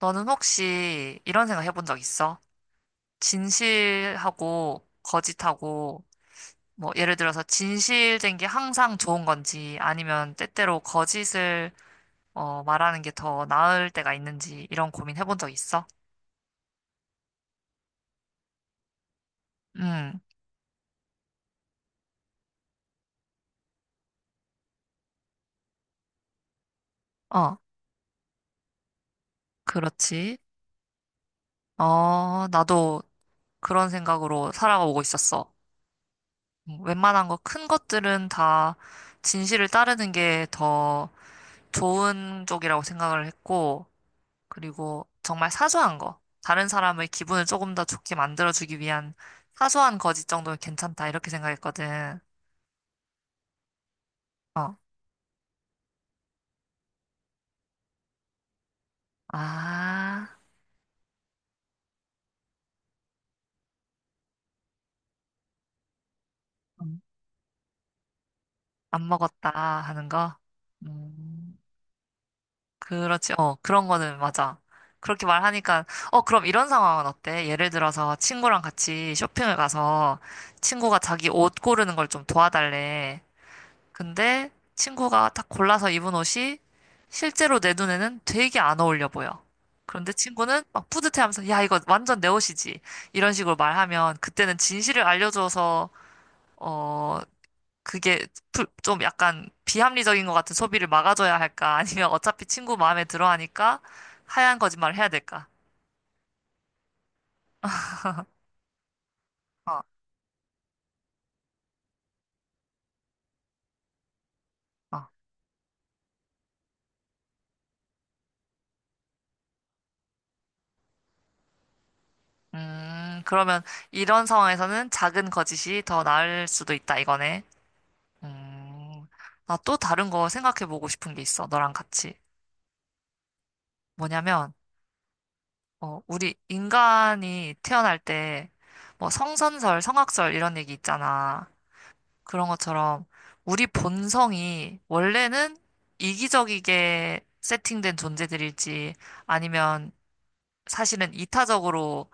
너는 혹시 이런 생각 해본 적 있어? 진실하고 거짓하고, 뭐, 예를 들어서 진실된 게 항상 좋은 건지, 아니면 때때로 거짓을, 말하는 게 더 나을 때가 있는지, 이런 고민 해본 적 있어? 응, 어, 그렇지. 나도 그런 생각으로 살아오고 있었어. 웬만한 거 큰 것들은 다 진실을 따르는 게 더 좋은 쪽이라고 생각을 했고, 그리고 정말 사소한 거. 다른 사람의 기분을 조금 더 좋게 만들어주기 위한 사소한 거짓 정도면 괜찮다. 이렇게 생각했거든. 어. 아, 음, 안 먹었다 하는 거? 음, 그렇지. 어, 그런 거는 맞아. 그렇게 말하니까, 그럼 이런 상황은 어때? 예를 들어서 친구랑 같이 쇼핑을 가서 친구가 자기 옷 고르는 걸 좀 도와달래. 근데 친구가 딱 골라서 입은 옷이 실제로 내 눈에는 되게 안 어울려 보여. 그런데 친구는 막 뿌듯해하면서 야 이거 완전 내 옷이지 이런 식으로 말하면 그때는 진실을 알려줘서 어 그게 좀 약간 비합리적인 것 같은 소비를 막아줘야 할까 아니면 어차피 친구 마음에 들어 하니까 하얀 거짓말을 해야 될까? 어, 어. 음, 그러면 이런 상황에서는 작은 거짓이 더 나을 수도 있다 이거네. 음, 나또 다른 거 생각해 보고 싶은 게 있어, 너랑 같이. 뭐냐면, 우리 인간이 태어날 때, 뭐 성선설, 성악설 이런 얘기 있잖아. 그런 것처럼 우리 본성이 원래는 이기적이게 세팅된 존재들일지 아니면 사실은 이타적으로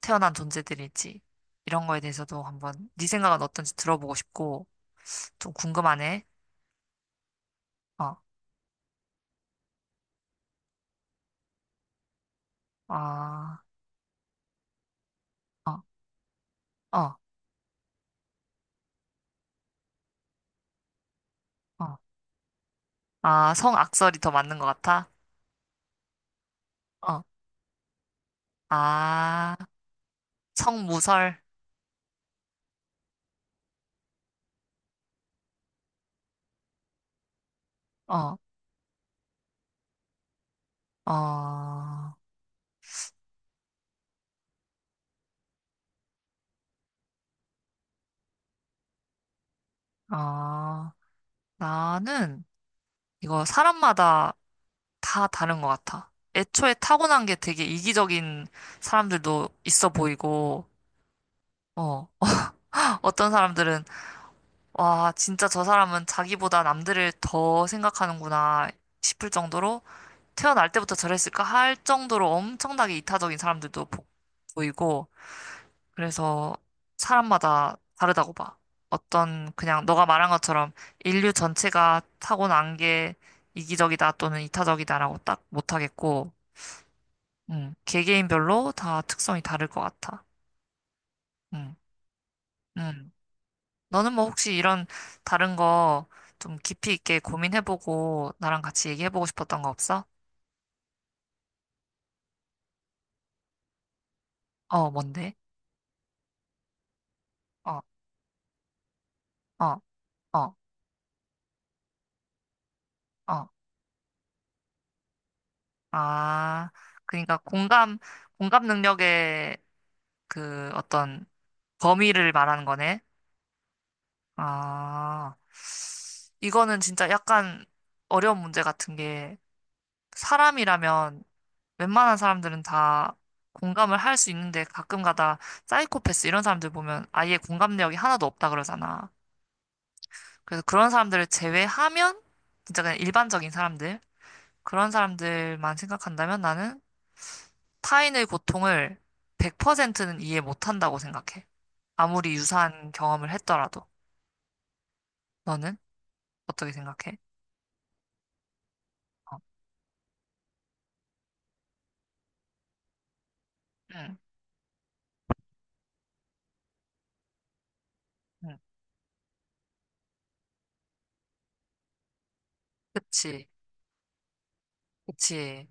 태어난 존재들일지 이런 거에 대해서도 한번 네 생각은 어떤지 들어보고 싶고 좀 궁금하네. 어, 아, 어, 어, 어. 아, 성악설이 더 맞는 것 같아? 어. 아, 성무설? 어, 어, 어. 나는 이거 사람마다 다 다른 것 같아. 애초에 타고난 게 되게 이기적인 사람들도 있어 보이고, 어. 어떤 사람들은, 와, 진짜 저 사람은 자기보다 남들을 더 생각하는구나 싶을 정도로 태어날 때부터 저랬을까 할 정도로 엄청나게 이타적인 사람들도 보이고, 그래서 사람마다 다르다고 봐. 어떤 그냥 너가 말한 것처럼 인류 전체가 타고난 게 이기적이다 또는 이타적이다라고 딱 못하겠고, 개개인별로 다 특성이 다를 것 같아. 음, 음. 너는 뭐 혹시 이런 다른 거 좀 깊이 있게 고민해보고 나랑 같이 얘기해보고 싶었던 거 없어? 어, 뭔데? 어, 어, 어, 어. 아, 그러니까 공감, 공감 능력의 그 어떤 범위를 말하는 거네. 아, 이거는 진짜 약간 어려운 문제 같은 게 사람이라면 웬만한 사람들은 다 공감을 할 수 있는데 가끔가다 사이코패스 이런 사람들 보면 아예 공감 내역이 하나도 없다 그러잖아. 그래서 그런 사람들을 제외하면 진짜 그냥 일반적인 사람들, 그런 사람들만 생각한다면 나는 타인의 고통을 100%는 이해 못한다고 생각해. 아무리 유사한 경험을 했더라도. 너는 어떻게 생각해? 어. 응. 응. 그치, 그치.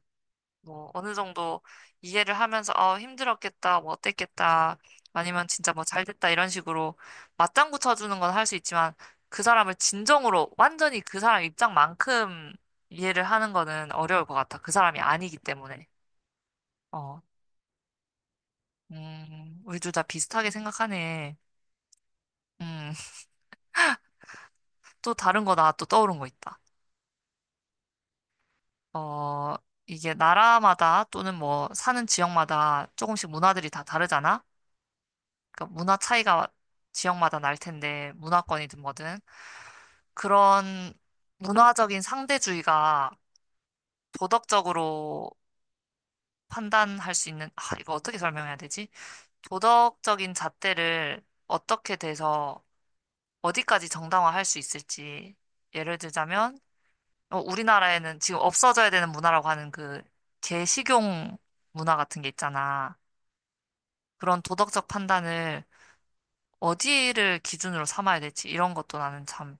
뭐, 어느 정도 이해를 하면서, 어, 힘들었겠다, 뭐, 어땠겠다, 아니면 진짜 뭐, 잘 됐다, 이런 식으로 맞장구 쳐주는 건 할 수 있지만, 그 사람을 진정으로, 완전히 그 사람 입장만큼 이해를 하는 거는 어려울 것 같아. 그 사람이 아니기 때문에. 어, 우리 둘 다 비슷하게 생각하네. 음, 또 다른 거 나 또 떠오른 거 있다. 어, 이게 나라마다 또는 뭐, 사는 지역마다 조금씩 문화들이 다 다르잖아? 그러니까 문화 차이가 지역마다 날 텐데 문화권이든 뭐든 그런 문화적인 상대주의가 도덕적으로 판단할 수 있는 아 이거 어떻게 설명해야 되지? 도덕적인 잣대를 어떻게 돼서 어디까지 정당화할 수 있을지 예를 들자면 우리나라에는 지금 없어져야 되는 문화라고 하는 그 개식용 문화 같은 게 있잖아. 그런 도덕적 판단을 어디를 기준으로 삼아야 될지 이런 것도 나는 참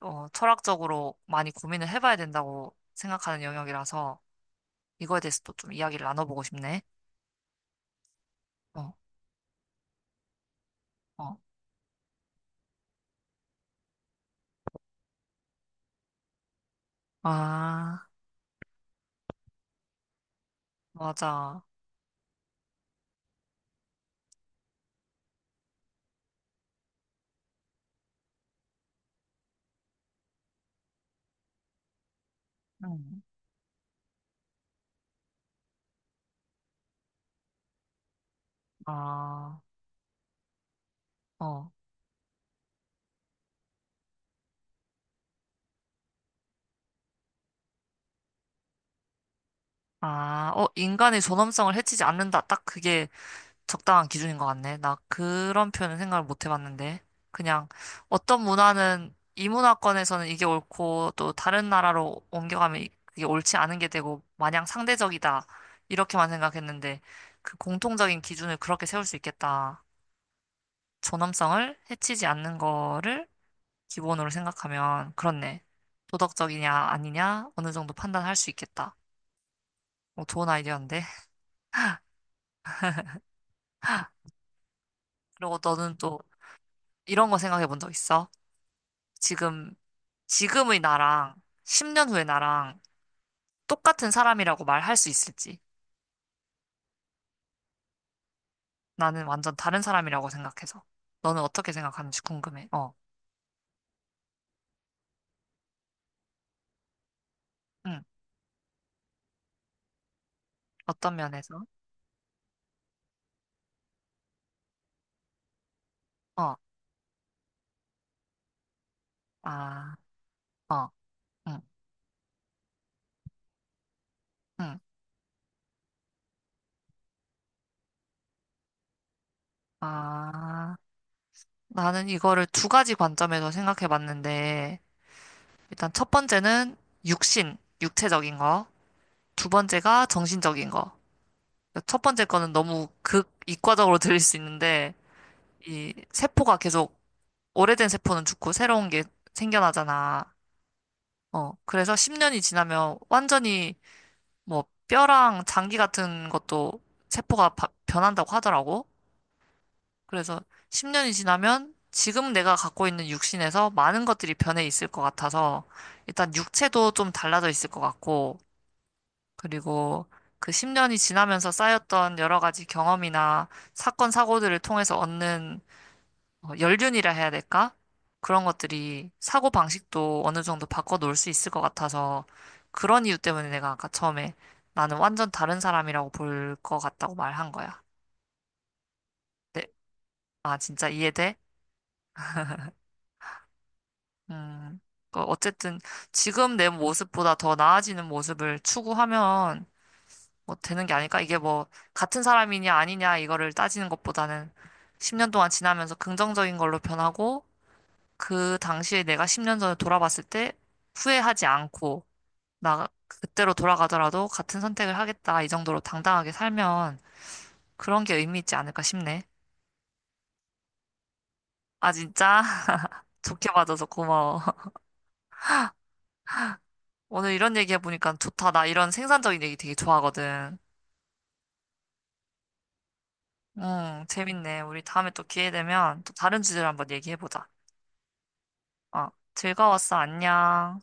철학적으로 많이 고민을 해봐야 된다고 생각하는 영역이라서 이거에 대해서 또 좀 이야기를 나눠보고 싶네. 어, 어. 아, 맞아. 음. 아, 어. 아, 인간의 존엄성을 해치지 않는다. 딱 그게 적당한 기준인 것 같네. 나 그런 표현은 생각을 못 해봤는데. 그냥 어떤 문화는 이 문화권에서는 이게 옳고 또 다른 나라로 옮겨가면 그게 옳지 않은 게 되고 마냥 상대적이다. 이렇게만 생각했는데 그 공통적인 기준을 그렇게 세울 수 있겠다. 존엄성을 해치지 않는 거를 기본으로 생각하면 그렇네. 도덕적이냐 아니냐 어느 정도 판단할 수 있겠다. 어, 좋은 아이디어인데. 그리고 너는 또 이런 거 생각해 본 적 있어? 지금 지금의 나랑 10년 후의 나랑 똑같은 사람이라고 말할 수 있을지. 나는 완전 다른 사람이라고 생각해서. 너는 어떻게 생각하는지 궁금해. 어, 응. 어떤 면에서? 어, 아, 어, 응, 응. 아, 나는 이거를 두 가지 관점에서 생각해 봤는데, 일단 첫 번째는 육신, 육체적인 거. 두 번째가 정신적인 거. 첫 번째 거는 너무 극 이과적으로 들릴 수 있는데, 이 세포가 계속 오래된 세포는 죽고 새로운 게 생겨나잖아. 그래서 10년이 지나면 완전히 뭐 뼈랑 장기 같은 것도 세포가 변한다고 하더라고. 그래서 10년이 지나면 지금 내가 갖고 있는 육신에서 많은 것들이 변해 있을 것 같아서 일단 육체도 좀 달라져 있을 것 같고, 그리고 그 10년이 지나면서 쌓였던 여러 가지 경험이나 사건, 사고들을 통해서 얻는 연륜이라 해야 될까? 그런 것들이 사고 방식도 어느 정도 바꿔 놓을 수 있을 것 같아서 그런 이유 때문에 내가 아까 처음에 나는 완전 다른 사람이라고 볼 것 같다고 말한 거야. 네. 아, 진짜 이해돼? 음, 그 어쨌든 지금 내 모습보다 더 나아지는 모습을 추구하면 뭐 되는 게 아닐까? 이게 뭐 같은 사람이냐 아니냐 이거를 따지는 것보다는 10년 동안 지나면서 긍정적인 걸로 변하고 그 당시에 내가 10년 전에 돌아봤을 때 후회하지 않고 나 그때로 돌아가더라도 같은 선택을 하겠다 이 정도로 당당하게 살면 그런 게 의미 있지 않을까 싶네. 아 진짜 좋게 봐줘서 고마워. 오늘 이런 얘기 해보니까 좋다. 나 이런 생산적인 얘기 되게 좋아하거든. 응, 재밌네. 우리 다음에 또 기회 되면 또 다른 주제로 한번 얘기해보자. 어, 즐거웠어. 안녕.